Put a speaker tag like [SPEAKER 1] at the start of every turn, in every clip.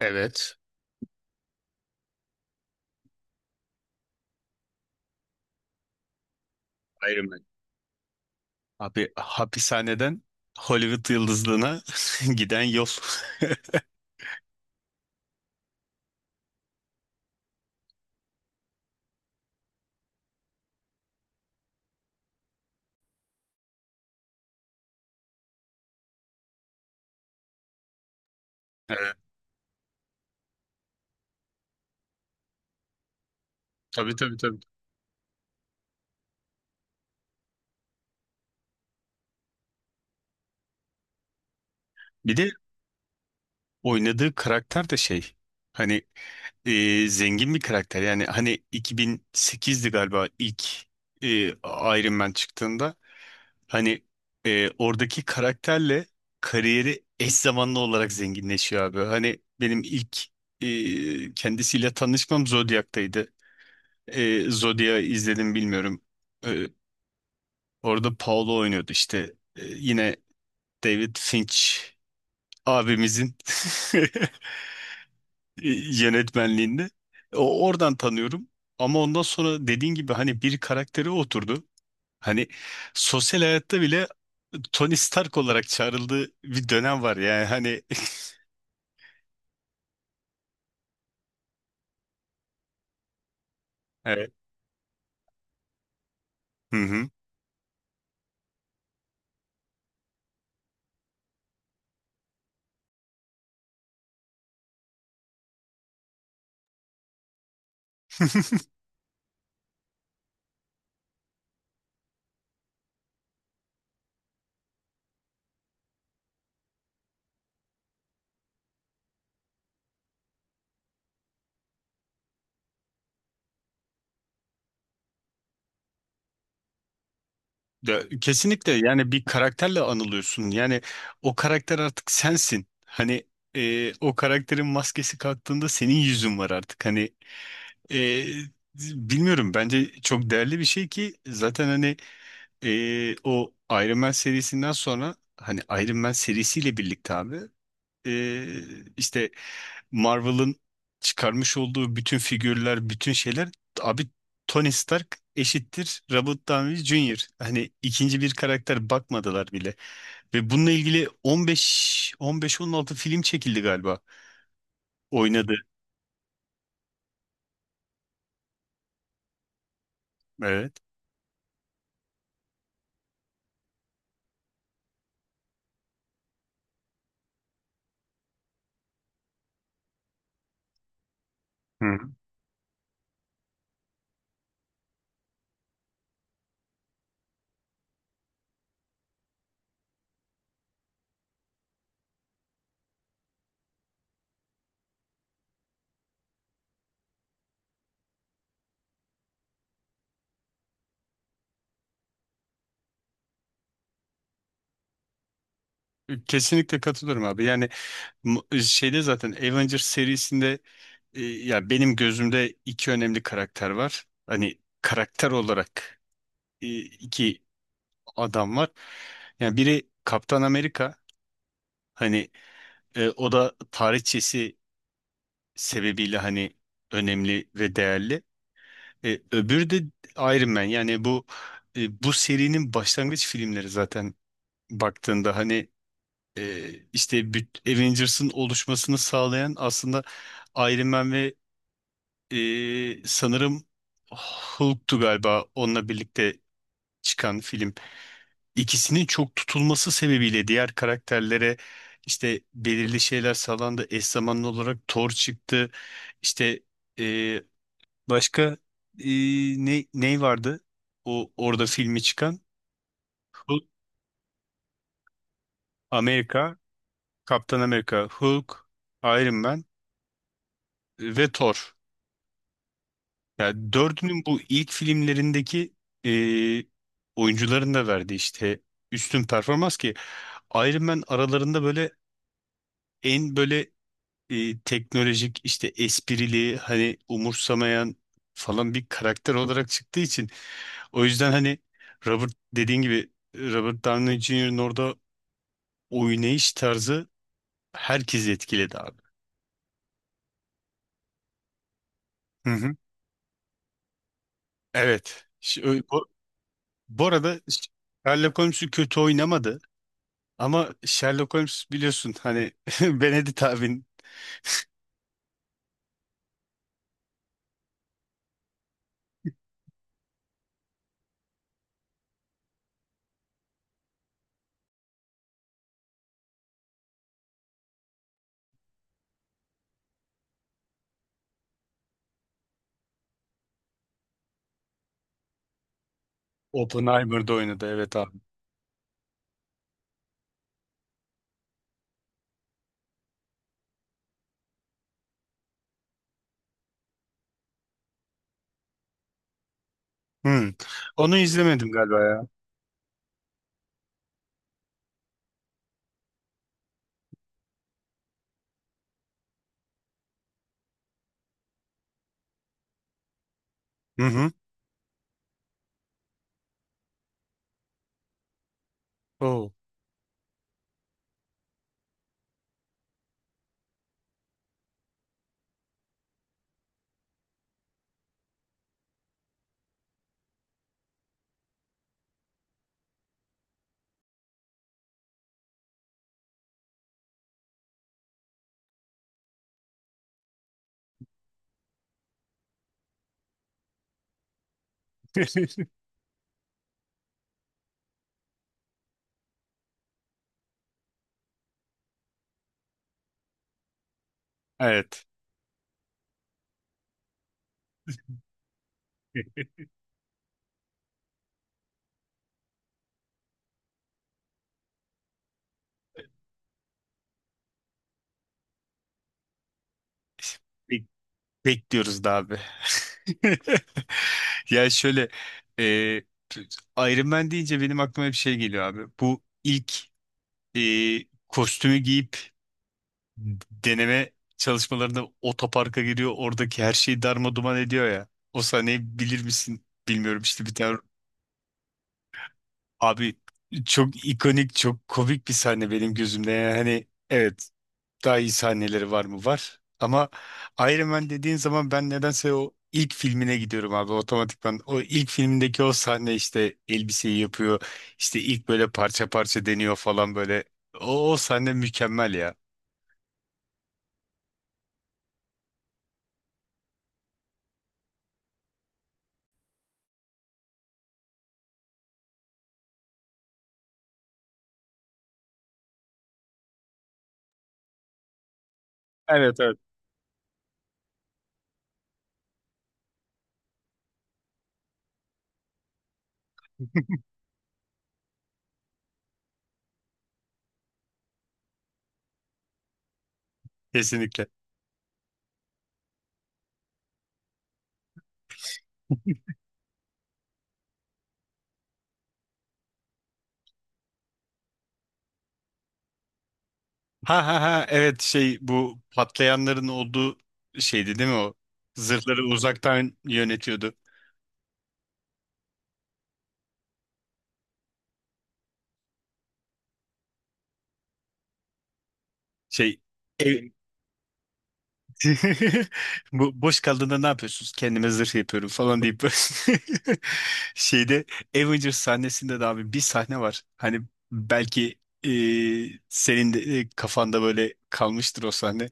[SPEAKER 1] Evet. Iron Man. Abi hapishaneden Hollywood yıldızlığına giden yol. Evet. Tabii tabii tabii. Bir de oynadığı karakter de hani zengin bir karakter. Yani hani 2008'di galiba ilk e, Iron Man çıktığında hani oradaki karakterle kariyeri eş zamanlı olarak zenginleşiyor abi. Hani benim ilk kendisiyle tanışmam Zodiac'taydı. Zodiac'ı izledim bilmiyorum. E, orada Paolo oynuyordu işte. Yine David Finch abimizin yönetmenliğinde. O oradan tanıyorum. Ama ondan sonra dediğin gibi hani bir karakteri oturdu. Hani sosyal hayatta bile Tony Stark olarak çağrıldığı bir dönem var yani hani evet. Hı hı. De, kesinlikle yani bir karakterle anılıyorsun. Yani o karakter artık sensin. Hani o karakterin maskesi kalktığında senin yüzün var artık. Hani e, bilmiyorum bence çok değerli bir şey ki zaten hani o Iron Man serisinden sonra hani Iron Man serisiyle birlikte abi işte Marvel'ın çıkarmış olduğu bütün figürler, bütün şeyler abi Tony Stark eşittir Robert Downey Jr. Hani ikinci bir karakter bakmadılar bile. Ve bununla ilgili 15 15-16 film çekildi galiba. Oynadı. Evet. Hı hı. Kesinlikle katılıyorum abi. Yani şeyde zaten Avengers serisinde ya benim gözümde iki önemli karakter var. Hani karakter olarak e, iki adam var. Yani biri Kaptan Amerika, hani o da tarihçesi sebebiyle hani önemli ve değerli. Öbürü de Iron Man. Yani bu serinin başlangıç filmleri zaten baktığında hani işte Avengers'ın oluşmasını sağlayan aslında Iron Man ve sanırım Hulk'tu galiba onunla birlikte çıkan film. İkisinin çok tutulması sebebiyle diğer karakterlere işte belirli şeyler sağlandı. Eş zamanlı olarak Thor çıktı. İşte e, başka e, ne vardı? O orada filmi çıkan Hulk, Amerika, Kaptan Amerika, Hulk, Iron Man ve Thor. Yani dördünün bu ilk filmlerindeki e, oyuncuların da verdiği işte üstün performans ki Iron Man aralarında böyle en böyle teknolojik işte esprili hani umursamayan falan bir karakter olarak çıktığı için o yüzden hani dediğin gibi Robert Downey Jr.'ın orada oynayış tarzı herkesi etkiledi abi. Hı hı. Evet. Bu arada Sherlock Holmes'u kötü oynamadı ama Sherlock Holmes biliyorsun hani Benedict abin Oppenheimer'da oynadı evet abi. Hı. Onu izlemedim galiba ya. Hı hı. Oo. Evet. Bekliyoruz da abi. Ya şöyle e, Iron Man deyince benim aklıma bir şey geliyor abi. Bu ilk e, kostümü giyip deneme çalışmalarında otoparka giriyor. Oradaki her şeyi darma duman ediyor ya. O sahneyi bilir misin bilmiyorum işte bir tane abi çok ikonik çok komik bir sahne benim gözümde. Yani hani evet. Daha iyi sahneleri var mı? Var. Ama Iron Man dediğin zaman ben nedense o ilk filmine gidiyorum abi otomatikman. O ilk filmindeki o sahne işte elbiseyi yapıyor. İşte ilk böyle parça parça deniyor falan böyle. O sahne mükemmel ya. Evet evet. Kesinlikle. Ha ha ha evet bu patlayanların olduğu şeydi değil mi o? Zırhları uzaktan yönetiyordu. Şey ev... Bu boş kaldığında ne yapıyorsunuz? Kendime zırh yapıyorum falan deyip böyle şeyde Avengers sahnesinde de abi bir sahne var. Hani belki e, senin de kafanda böyle kalmıştır o sahne.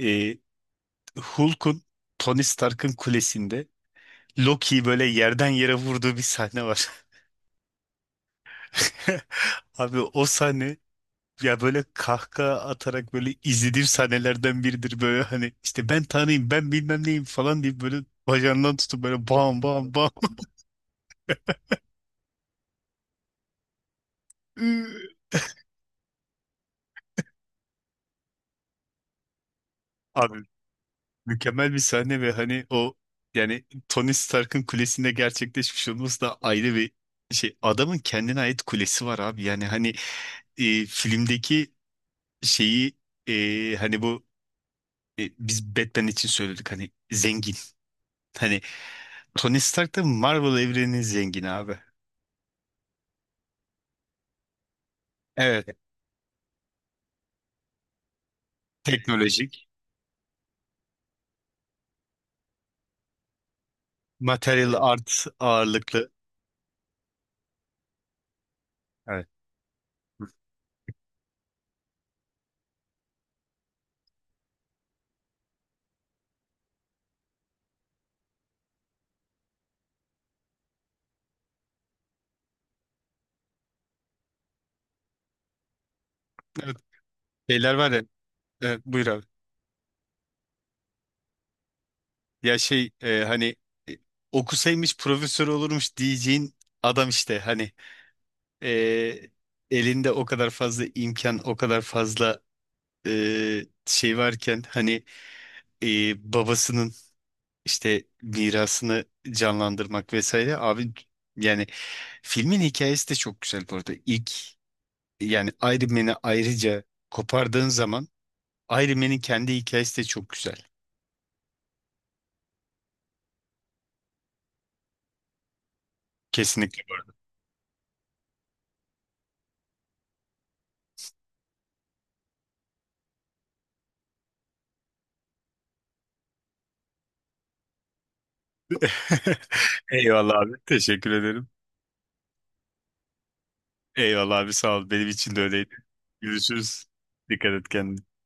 [SPEAKER 1] E, Hulk'un Tony Stark'ın kulesinde Loki'yi böyle yerden yere vurduğu bir sahne var. Abi o sahne ya böyle kahkaha atarak böyle izlediğim sahnelerden biridir böyle hani işte ben tanıyayım ben bilmem neyim falan deyip böyle bacağından tutup böyle bam bam bam. Abi mükemmel bir sahne ve hani o yani Tony Stark'ın kulesinde gerçekleşmiş olması da ayrı bir şey. Adamın kendine ait kulesi var abi. Yani hani filmdeki şeyi hani bu biz Batman için söyledik hani zengin. Hani Tony Stark da Marvel evreninin zengini abi. Evet. Teknolojik. Material art ağırlıklı. Evet. Evet, şeyler var ya. Evet, buyur abi. Ya hani e, okusaymış profesör olurmuş diyeceğin adam işte hani e, elinde o kadar fazla imkan, o kadar fazla şey varken hani babasının işte mirasını canlandırmak vesaire abi yani filmin hikayesi de çok güzel bu arada. İlk yani Iron Man'i ayrıca kopardığın zaman Iron Man'in kendi hikayesi de çok güzel. Kesinlikle bu arada. Eyvallah abi. Teşekkür ederim. Eyvallah abi sağ ol. Benim için de öyleydi. Görüşürüz. Dikkat et kendine.